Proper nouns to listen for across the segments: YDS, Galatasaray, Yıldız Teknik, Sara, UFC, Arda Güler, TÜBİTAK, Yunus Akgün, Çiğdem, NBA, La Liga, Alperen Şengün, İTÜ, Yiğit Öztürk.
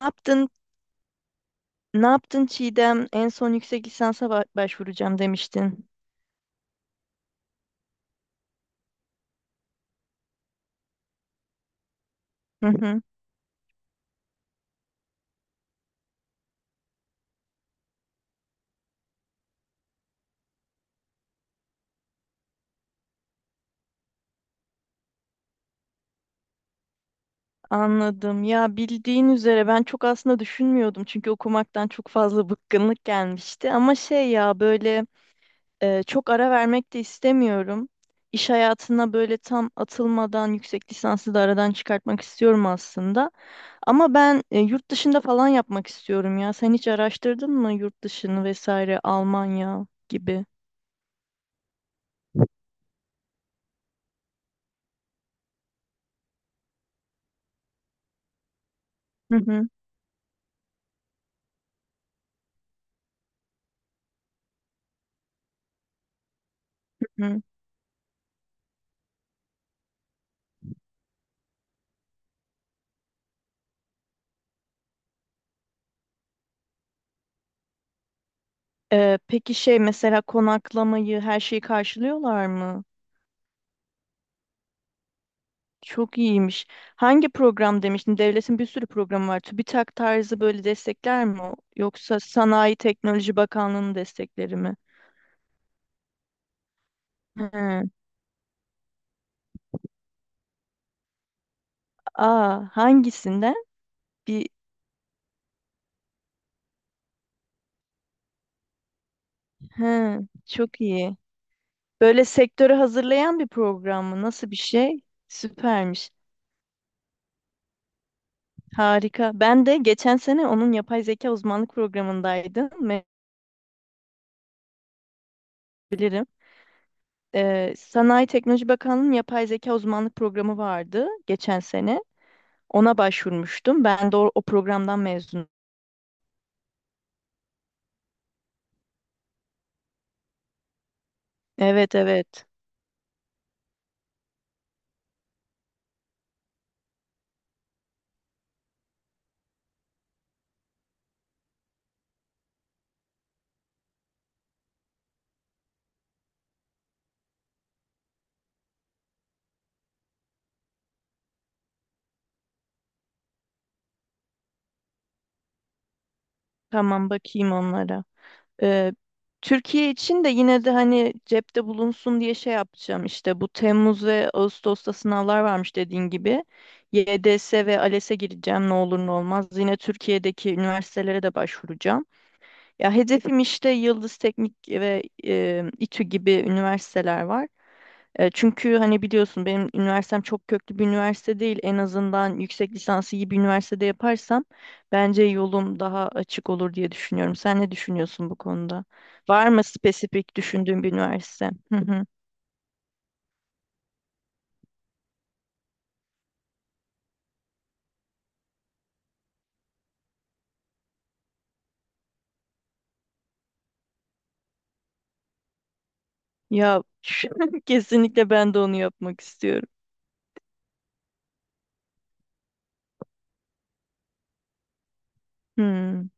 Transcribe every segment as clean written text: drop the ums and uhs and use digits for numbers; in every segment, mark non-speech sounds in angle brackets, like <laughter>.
Ne yaptın? Ne yaptın, Çiğdem? En son yüksek lisansa başvuracağım demiştin. Hı hı, anladım. Ya bildiğin üzere ben çok aslında düşünmüyordum çünkü okumaktan çok fazla <laughs> bıkkınlık gelmişti. Ama şey ya böyle çok ara vermek de istemiyorum. İş hayatına böyle tam atılmadan yüksek lisansı da aradan çıkartmak istiyorum aslında. Ama ben yurt dışında falan yapmak istiyorum ya. Sen hiç araştırdın mı yurt dışını vesaire, Almanya gibi? Hı hı. Hı. Peki şey mesela konaklamayı, her şeyi karşılıyorlar mı? Çok iyiymiş. Hangi program demiştin? Devletin bir sürü programı var. TÜBİTAK tarzı böyle destekler mi, o? Yoksa Sanayi Teknoloji Bakanlığı'nın destekleri mi? Hı. Aa, hangisinden? Bir. Hı, çok iyi. Böyle sektörü hazırlayan bir program mı? Nasıl bir şey? Süpermiş. Harika. Ben de geçen sene onun yapay zeka uzmanlık programındaydım. Bilirim. Sanayi Teknoloji Bakanlığı'nın yapay zeka uzmanlık programı vardı geçen sene. Ona başvurmuştum. Ben de o, o programdan mezunum. Evet, evet. Tamam, bakayım onlara. Ee, Türkiye için de yine de hani cepte bulunsun diye şey yapacağım. İşte bu Temmuz ve Ağustos'ta sınavlar varmış dediğin gibi. YDS ve ALES'e gireceğim, ne olur ne olmaz. Yine Türkiye'deki üniversitelere de başvuracağım. Ya, hedefim işte Yıldız Teknik ve İTÜ gibi üniversiteler var. Çünkü hani biliyorsun, benim üniversitem çok köklü bir üniversite değil. En azından yüksek lisansı iyi bir üniversitede yaparsam bence yolum daha açık olur diye düşünüyorum. Sen ne düşünüyorsun bu konuda? Var mı spesifik düşündüğün bir üniversite? Hı hı. Ya, <laughs> kesinlikle ben de onu yapmak istiyorum. Hmm,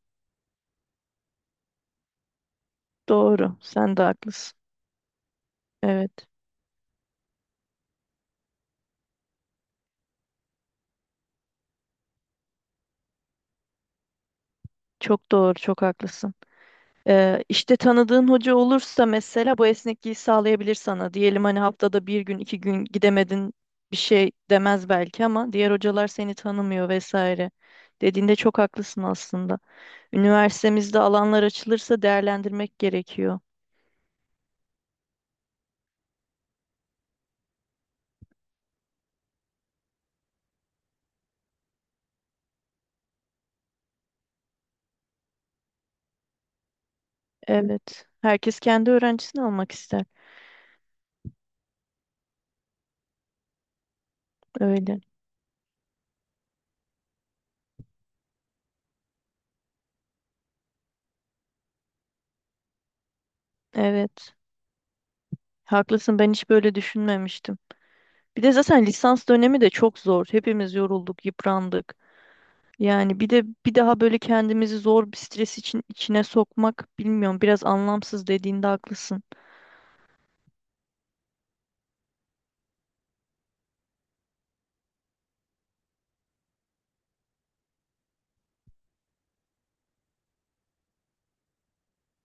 doğru. Sen de haklısın. Evet. Çok doğru, çok haklısın. İşte tanıdığın hoca olursa mesela bu esnekliği sağlayabilir sana. Diyelim hani haftada bir gün iki gün gidemedin, bir şey demez belki ama diğer hocalar seni tanımıyor vesaire. Dediğinde çok haklısın aslında. Üniversitemizde alanlar açılırsa değerlendirmek gerekiyor. Evet. Herkes kendi öğrencisini almak ister. Öyle. Evet. Haklısın, ben hiç böyle düşünmemiştim. Bir de zaten lisans dönemi de çok zor. Hepimiz yorulduk, yıprandık. Yani bir de bir daha böyle kendimizi zor bir stres için içine sokmak, bilmiyorum, biraz anlamsız dediğinde haklısın.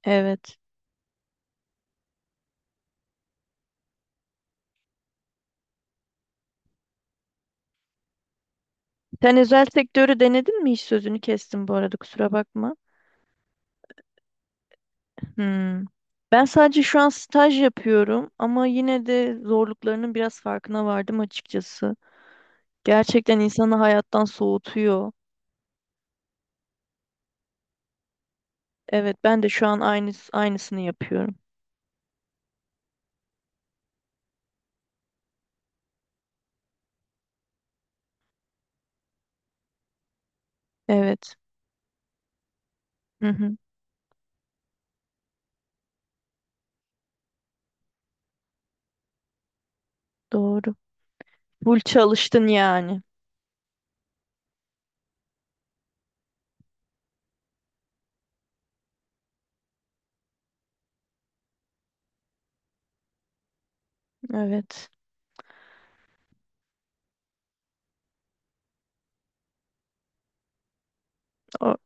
Evet. Sen özel sektörü denedin mi hiç? Sözünü kestim bu arada, kusura bakma. Hmm. Ben sadece şu an staj yapıyorum ama yine de zorluklarının biraz farkına vardım açıkçası. Gerçekten insanı hayattan soğutuyor. Evet, ben de şu an aynı aynısını yapıyorum. Evet. Hı hı, doğru. Full çalıştın yani. Evet. O-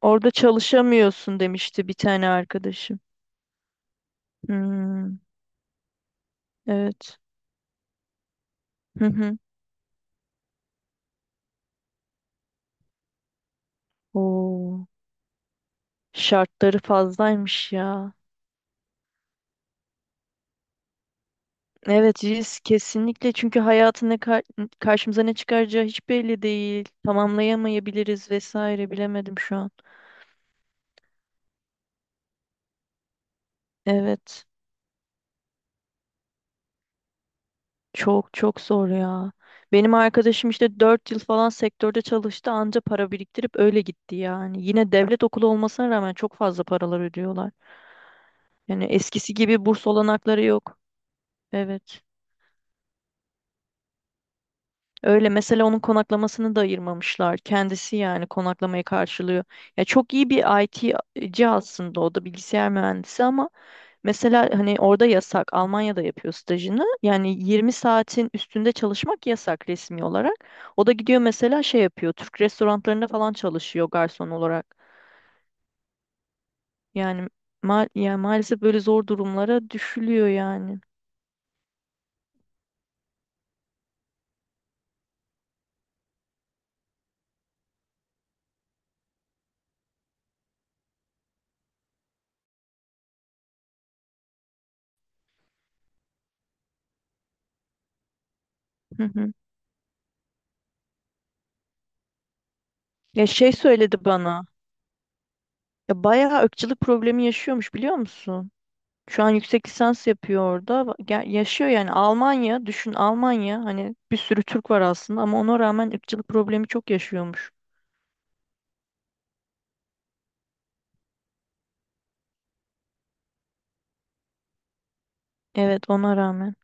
orada çalışamıyorsun demişti bir tane arkadaşım. Hmm, evet. Hı hı. Oo, şartları fazlaymış ya. Evet, risk kesinlikle, çünkü hayatın ne karşımıza ne çıkaracağı hiç belli değil. Tamamlayamayabiliriz vesaire, bilemedim şu an. Evet. Çok çok zor ya. Benim arkadaşım işte 4 yıl falan sektörde çalıştı, anca para biriktirip öyle gitti yani. Yine devlet okulu olmasına rağmen çok fazla paralar ödüyorlar. Yani eskisi gibi burs olanakları yok. Evet. Öyle, mesela onun konaklamasını da ayırmamışlar. Kendisi yani konaklamayı karşılıyor. Ya çok iyi bir IT'ci aslında, o da bilgisayar mühendisi, ama mesela hani orada yasak, Almanya'da yapıyor stajını. Yani 20 saatin üstünde çalışmak yasak resmi olarak. O da gidiyor, mesela şey yapıyor, Türk restoranlarında falan çalışıyor garson olarak. Yani, yani maalesef böyle zor durumlara düşülüyor yani. Hı hı. Ya şey söyledi bana. Ya bayağı ırkçılık problemi yaşıyormuş, biliyor musun? Şu an yüksek lisans yapıyor orada. Yaşıyor yani, Almanya. Düşün, Almanya. Hani bir sürü Türk var aslında ama ona rağmen ırkçılık problemi çok yaşıyormuş. Evet, ona rağmen.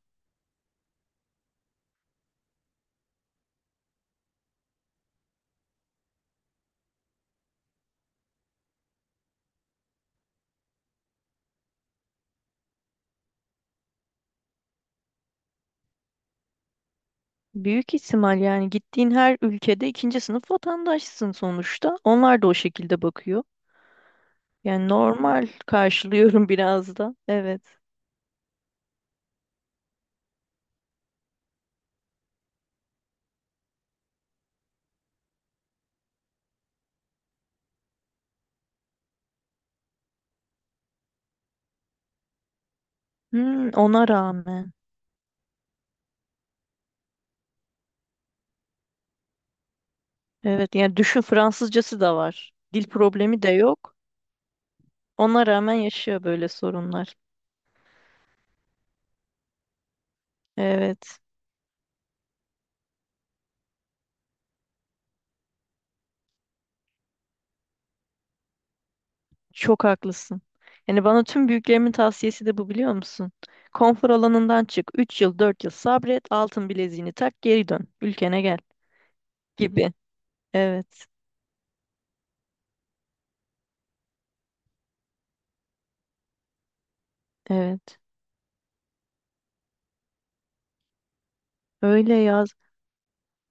Büyük ihtimal, yani gittiğin her ülkede ikinci sınıf vatandaşsın sonuçta. Onlar da o şekilde bakıyor. Yani normal karşılıyorum <laughs> biraz da. Evet. Hmm, ona rağmen. Evet, yani düşün, Fransızcası da var. Dil problemi de yok. Ona rağmen yaşıyor böyle sorunlar. Evet. Çok haklısın. Yani bana tüm büyüklerimin tavsiyesi de bu, biliyor musun? Konfor alanından çık. 3 yıl 4 yıl sabret. Altın bileziğini tak, geri dön. Ülkene gel gibi. Evet. Evet. Öyle yaz.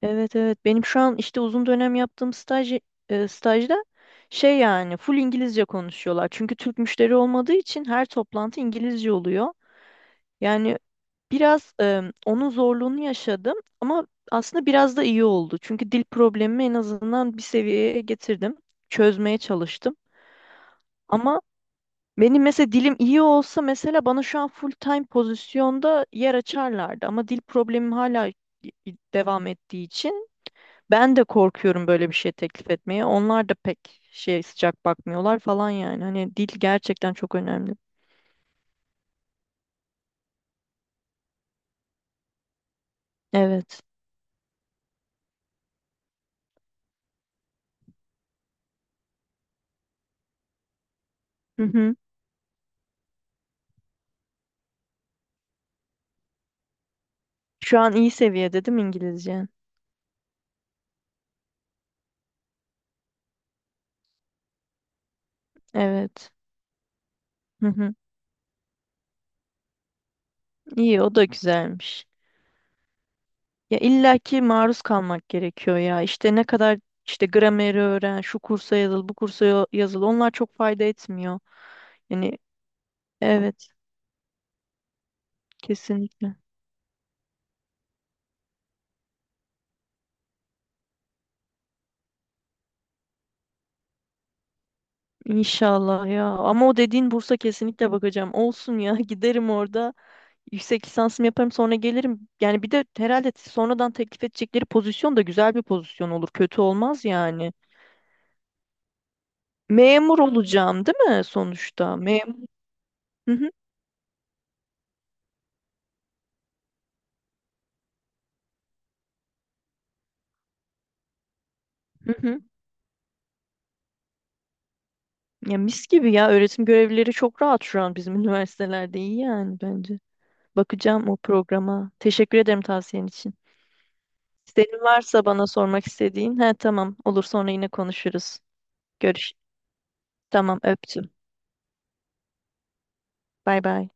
Evet, evet. Benim şu an işte uzun dönem yaptığım stajda şey yani full İngilizce konuşuyorlar. Çünkü Türk müşteri olmadığı için her toplantı İngilizce oluyor. Yani biraz onun zorluğunu yaşadım ama aslında biraz da iyi oldu. Çünkü dil problemimi en azından bir seviyeye getirdim. Çözmeye çalıştım. Ama benim mesela dilim iyi olsa, mesela bana şu an full time pozisyonda yer açarlardı. Ama dil problemim hala devam ettiği için ben de korkuyorum böyle bir şey teklif etmeye. Onlar da pek şey sıcak bakmıyorlar falan yani. Hani dil gerçekten çok önemli. Evet. Hı hı. Şu an iyi seviyede değil mi İngilizce? Evet. Hı hı. İyi, o da güzelmiş. Ya illaki maruz kalmak gerekiyor ya. İşte ne kadar işte grameri öğren, şu kursa yazıl, bu kursa yazıl. Onlar çok fayda etmiyor. Yani evet, kesinlikle. İnşallah ya. Ama o dediğin bursa kesinlikle bakacağım. Olsun ya, <laughs> giderim orada. Yüksek lisansımı yaparım sonra gelirim. Yani bir de herhalde sonradan teklif edecekleri pozisyon da güzel bir pozisyon olur. Kötü olmaz yani. Memur olacağım değil mi sonuçta? Memur. Ya mis gibi ya, öğretim görevlileri çok rahat şu an bizim <laughs> üniversitelerde, iyi yani bence. Bakacağım o programa. Teşekkür ederim tavsiyen için. Senin varsa bana sormak istediğin. He, tamam, olur sonra yine konuşuruz. Görüş. Tamam, öptüm. Bay bay.